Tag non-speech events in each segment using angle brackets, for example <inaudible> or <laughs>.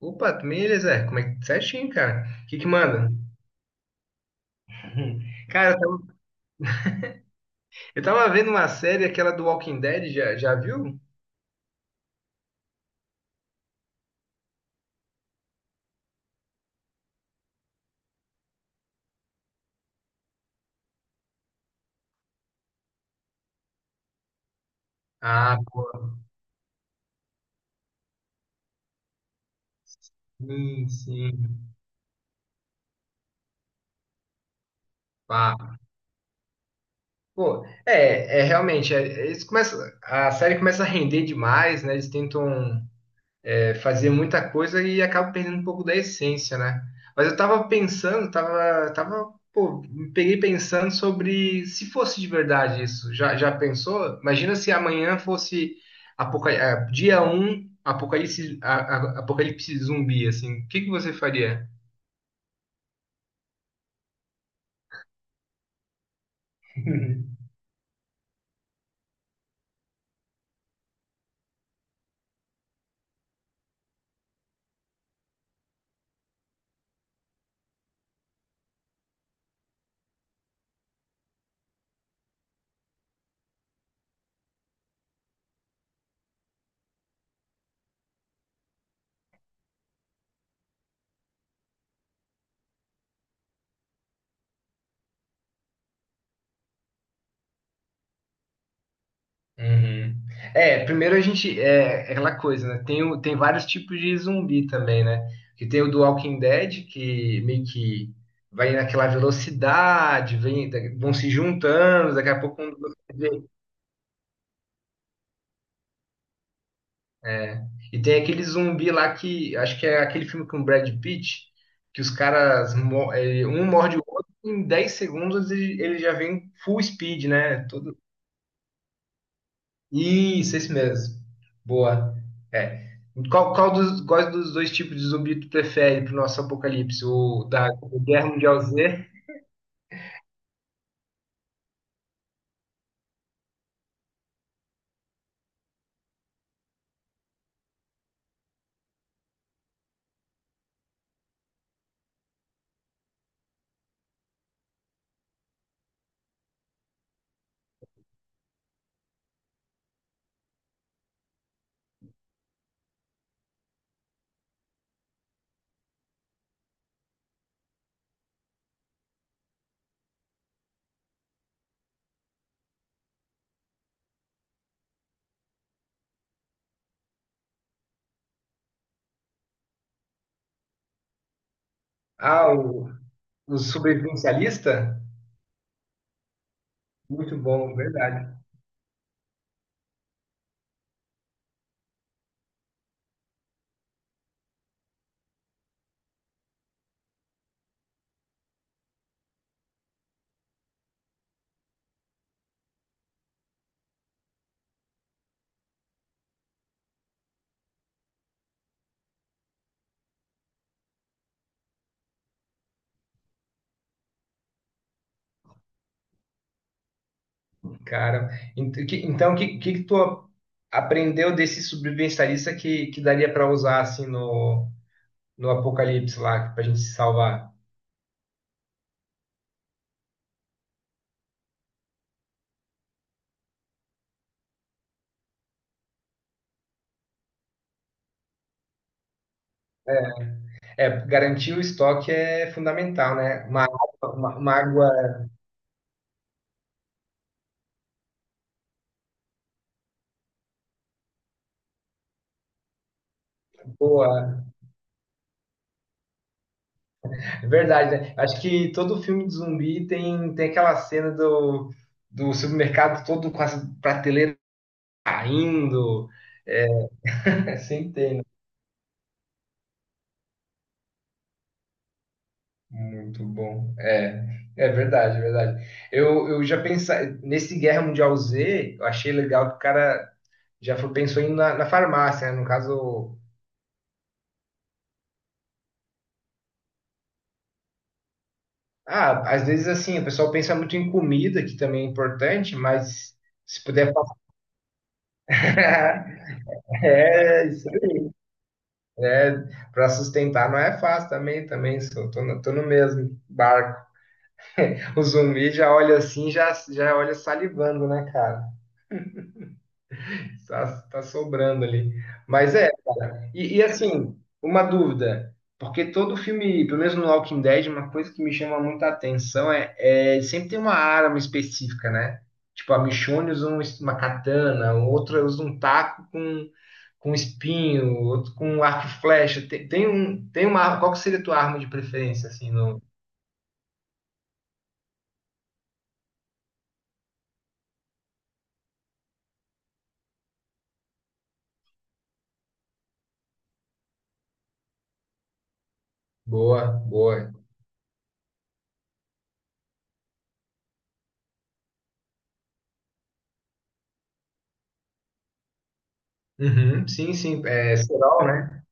Opa, também, Zé, como é que certinho, cara? O que que manda? <laughs> Cara, eu tava vendo uma série, aquela do Walking Dead, já viu? Ah, pô, sim, sim. Pá. Pô, é realmente, é, eles começam, a série começa a render demais, né? Eles tentam, é, fazia muita coisa e acaba perdendo um pouco da essência, né? Mas eu tava pensando, pô, me peguei pensando sobre se fosse de verdade isso. Já pensou? Imagina se amanhã fosse dia um apocalipse, apocalipse zumbi, assim. O que que você faria? <laughs> Uhum. É, primeiro a gente. É aquela coisa, né? Tem vários tipos de zumbi também, né? Que tem o do Walking Dead, que meio que vai naquela velocidade, vem, vão se juntando, daqui a pouco um você vê. É. E tem aquele zumbi lá. Que. Acho que é aquele filme com o Brad Pitt, que os caras, um morde o outro, em 10 segundos ele já vem full speed, né? Todo. Isso, esse mesmo. Boa. É. Quais dos dois tipos de zumbi tu prefere pro nosso apocalipse? O da Guerra Mundial Z? Ah, o sobrevivencialista? Muito bom, verdade. Cara, então o que tu aprendeu desse sobrevivencialista que daria para usar assim no apocalipse lá, pra gente se salvar? É, é, garantir o estoque é fundamental, né? Uma água, uma água boa. É verdade, né? Acho que todo filme de zumbi tem aquela cena do supermercado todo com as prateleiras caindo. É, <laughs> você entende. Muito bom. É verdade, é verdade. Eu já pensei, nesse Guerra Mundial Z, eu achei legal que o cara já foi, pensou em ir na farmácia, né? No caso, ah, às vezes assim, o pessoal pensa muito em comida, que também é importante, mas se puder passar. <laughs> É, para sustentar não é fácil também, também sou, tô no mesmo barco. O zumbi já olha assim, já olha salivando, né, cara? Tá sobrando ali. Mas é. E, assim, uma dúvida, porque todo filme, pelo menos no Walking Dead, uma coisa que me chama muita atenção é sempre tem uma arma específica, né? Tipo, a Michonne usa uma katana, o outro usa um taco com espinho, o outro com arco e flecha. Tem uma arma. Qual que seria a tua arma de preferência, assim, no. Boa, boa. Uhum, sim, sim, é Serol, né?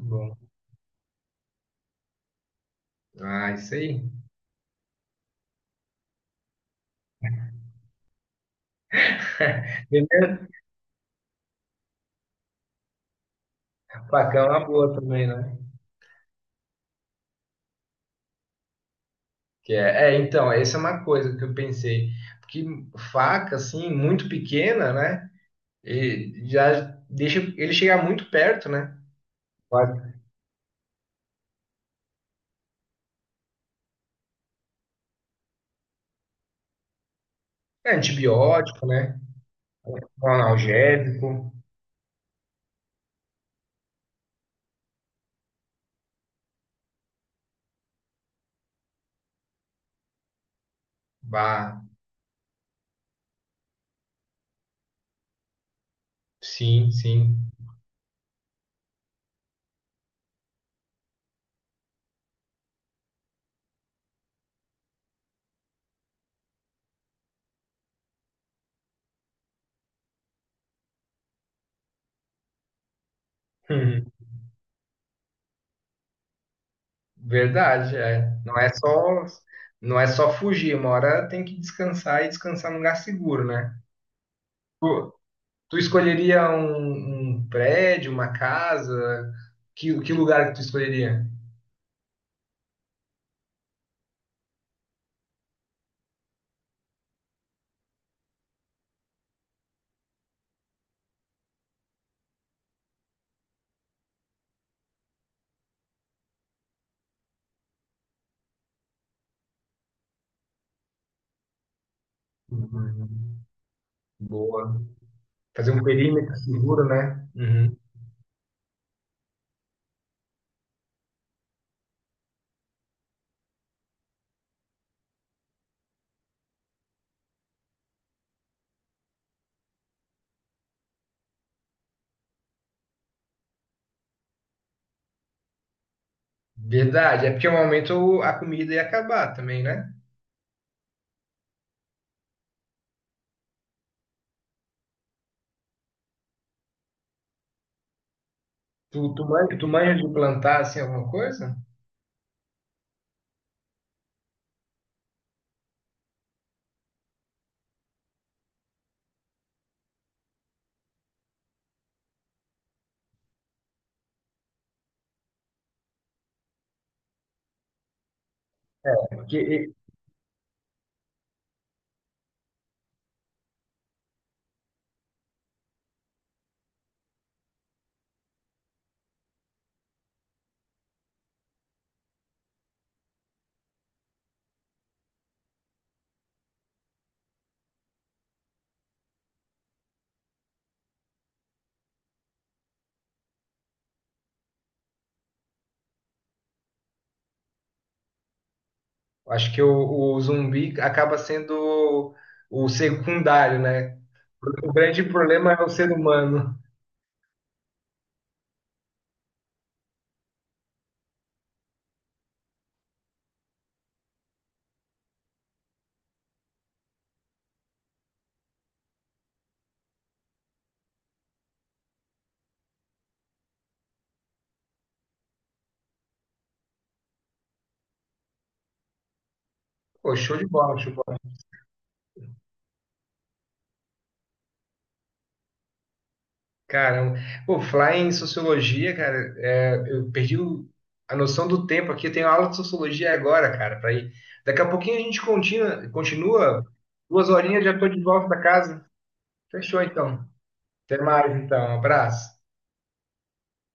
Bom. Ah, isso aí. Bacana, uma boa também, né? Que é, então, essa é uma coisa que eu pensei. Porque faca, assim, muito pequena, né? E já deixa ele chegar muito perto, né? Quase. É antibiótico, né? Um analgésico. Bah, sim, sim. <laughs> Verdade, é. Não é só fugir, uma hora tem que descansar e descansar num lugar seguro, né? Tu escolheria um prédio, uma casa? Que lugar que tu escolheria? Uhum. Boa. Fazer um perímetro seguro, né? Uhum. Verdade. É porque um momento a comida ia acabar também, né? Tu manja de plantar, assim, alguma coisa? É. Acho que o zumbi acaba sendo o secundário, né? O grande problema é o ser humano. Pô, show de bola, show. Caramba. Pô, falar em sociologia, cara, é, eu perdi a noção do tempo aqui. Eu tenho aula de sociologia agora, cara, para ir. Daqui a pouquinho a gente continua, continua. 2 horinhas já tô de volta da casa. Fechou, então. Até mais, então. Abraço.